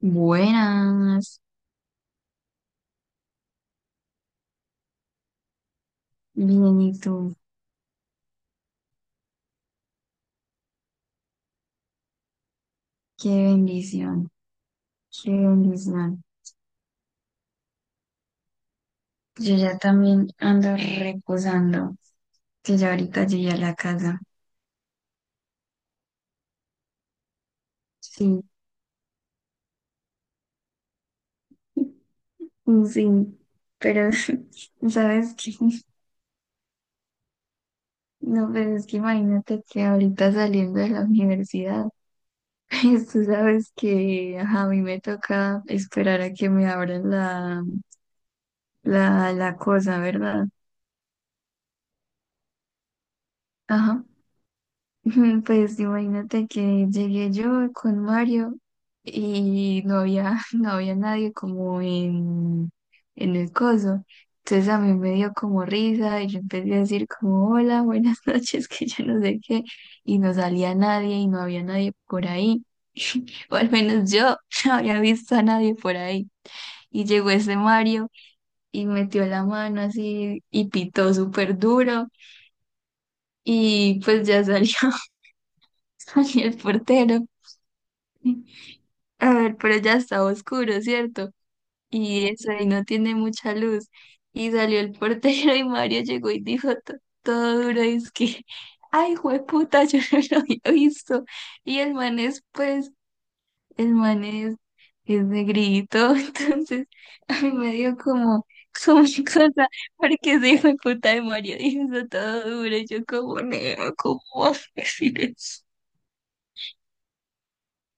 Buenas, bien, ¿y tú? Qué bendición, qué bendición. Yo ya también ando reposando, que ya ahorita llegué a la casa. Sí, mm, sí, pero ¿sabes qué? No, pero es que imagínate que ahorita saliendo de la universidad, tú sabes que ajá, a mí me toca esperar a que me abran la cosa, ¿verdad? Ajá. Pues imagínate que llegué yo con Mario y no había, no había nadie como en el coso. Entonces a mí me dio como risa y yo empecé a decir como hola, buenas noches, que yo no sé qué. Y no salía nadie y no había nadie por ahí. O al menos yo no había visto a nadie por ahí. Y llegó ese Mario y metió la mano así y pitó súper duro. Y pues ya salió, salió el portero. A ver, pero ya estaba oscuro, ¿cierto? Y eso ahí no tiene mucha luz. Y salió el portero y Mario llegó y dijo todo duro, es que, ay, jueputa, yo no lo había visto. Y el man es, pues, el man es negrito, entonces a mí me dio como, como una cosa, porque ese hijo de puta de Mario dijo eso todo duro, y yo como, negro, ¿cómo vas a decir eso?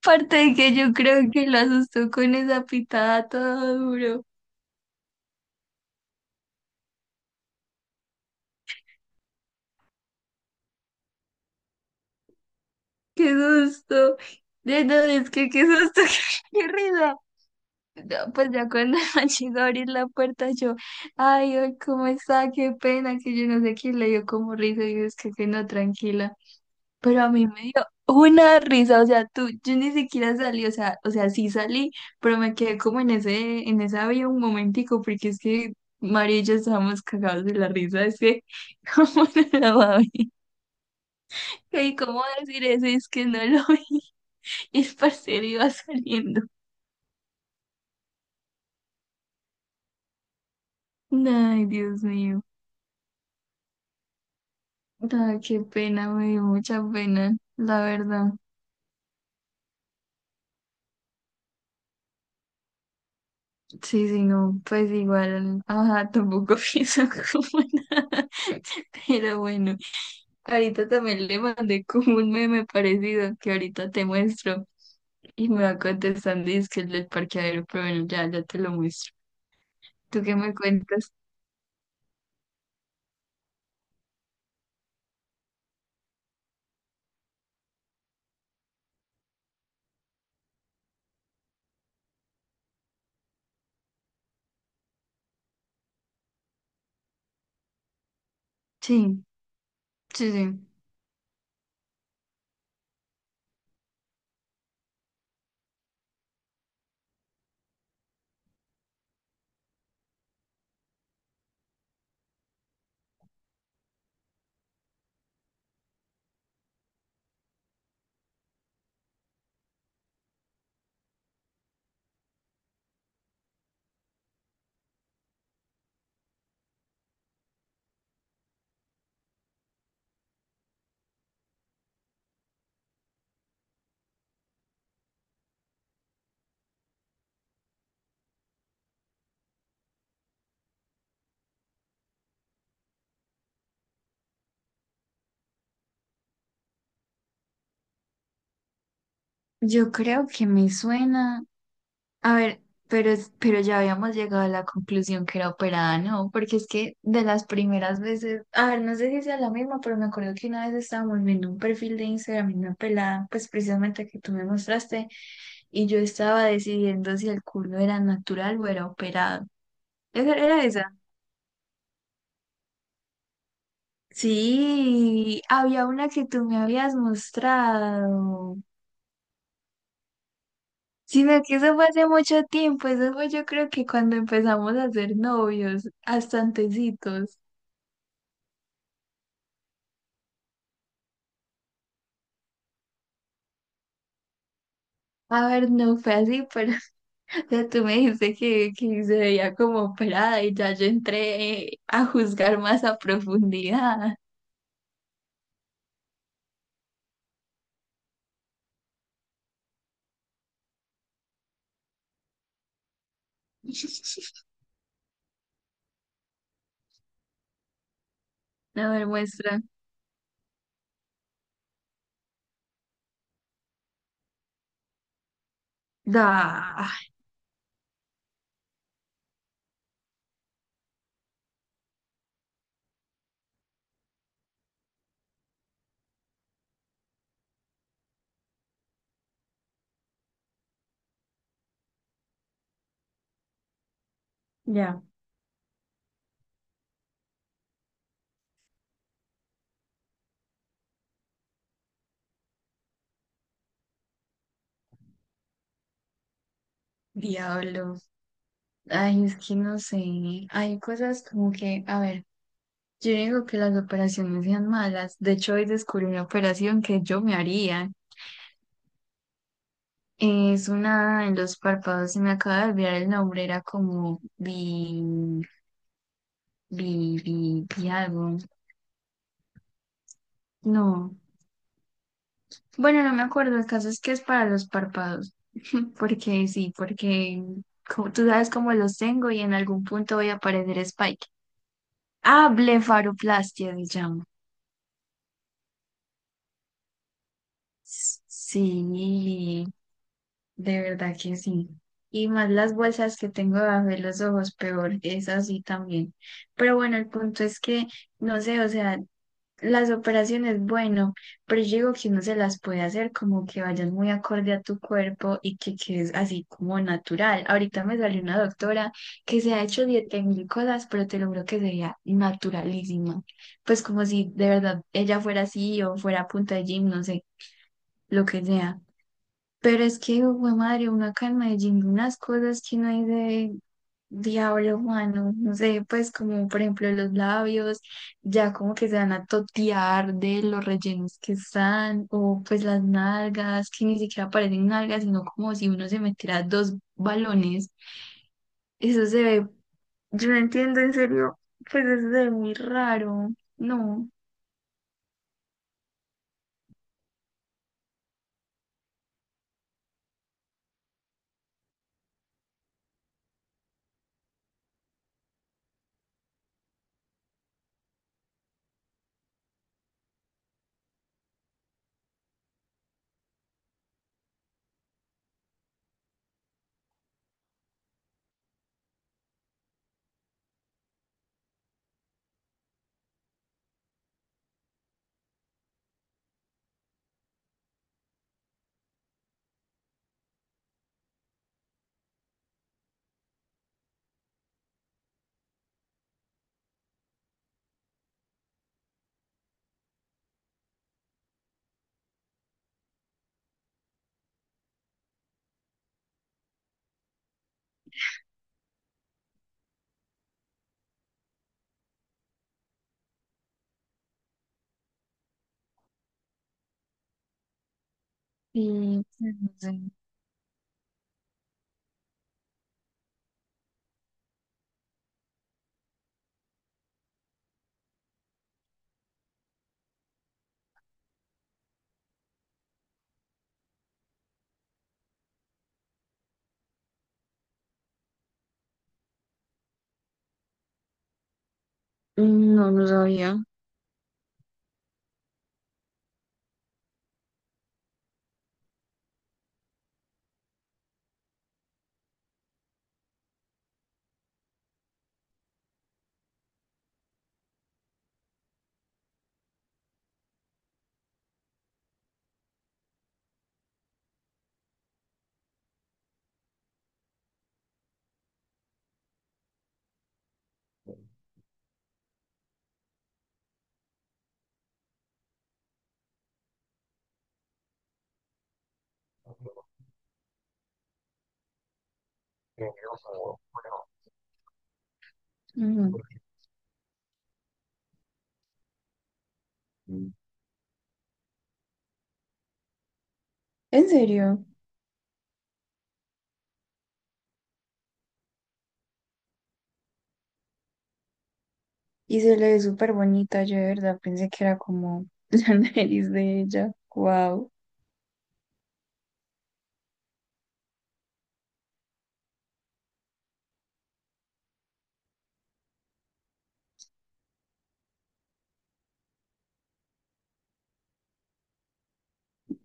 Aparte de que yo creo que lo asustó con esa pitada todo duro. ¡Qué susto! De no, es que qué susto, qué risa. No, pues ya cuando me llegó a abrir la puerta, yo, ay, ay, ¿cómo está? Qué pena, que yo no sé quién, le dio como risa. Y yo, es que no, tranquila. Pero a mí me dio una risa, o sea, tú, yo ni siquiera salí, o sea, sí salí, pero me quedé como en esa vía un momentico, porque es que María y yo estábamos cagados de la risa, es que, ¿cómo no la va a ver? ¿Y cómo decir eso? Es que no lo vi, y el parcero iba saliendo. Ay, Dios mío, ay, qué pena, me dio mucha pena, la verdad. Sí, sí, no, pues igual, ajá, tampoco pienso como nada, pero bueno. Ahorita también le mandé como un meme parecido que ahorita te muestro y me va contestando y es que el del parqueadero, pero bueno, ya, ya te lo muestro. ¿Tú qué me cuentas? Sí, sí, sí. Yo creo que me suena. A ver, pero, pero ya habíamos llegado a la conclusión que era operada, ¿no? Porque es que de las primeras veces, a ver, no sé si sea la misma, pero me acuerdo que una vez estábamos viendo un perfil de Instagram y una pelada, pues precisamente que tú me mostraste, y yo estaba decidiendo si el culo era natural o era operado. ¿Esa era esa? Sí, había una que tú me habías mostrado. Sino que eso fue hace mucho tiempo, eso fue yo creo que cuando empezamos a ser novios, hasta antecitos. A ver, no fue así, pero o sea, tú me dijiste que se veía como operada y ya yo entré a juzgar más a profundidad. A ver, muestra. Da, ya, diablo. Ay, es que no sé. Hay cosas como que, a ver, yo digo que las operaciones sean malas. De hecho, hoy descubrí una operación que yo me haría. Es una en los párpados, se me acaba de olvidar el nombre, era como bi algo. No. Bueno, no me acuerdo, el caso es que es para los párpados, porque sí, porque como, tú sabes cómo los tengo y en algún punto voy a aparecer Spike. Ah, blefaroplastia se llama. Sí, de verdad que sí. Y más las bolsas que tengo debajo de los ojos, peor, es así también. Pero bueno, el punto es que, no sé, o sea, las operaciones, bueno, pero yo digo que uno se las puede hacer como que vayan muy acorde a tu cuerpo y que quedes así como natural. Ahorita me salió una doctora que se ha hecho 10.000 cosas, pero te lo juro que sería naturalísima. Pues como si de verdad ella fuera así o fuera a punta de gym, no sé, lo que sea. Pero es que, güey, madre, uno acá en Medellín, ve unas cosas que no hay de diablo humano, no sé, pues como por ejemplo los labios, ya como que se van a totear de los rellenos que están, o pues las nalgas, que ni siquiera parecen nalgas, sino como si uno se metiera dos balones. Eso se ve, yo no entiendo, en serio, pues eso se ve muy raro, no, y pues, no sé, no, no sabía. Ujú. Porque, mm, ¿en serio? Y se le ve súper bonita, yo de verdad pensé que era como la nariz de ella. Wow.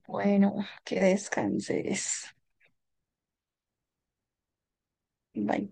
Bueno, que descanses. Bye.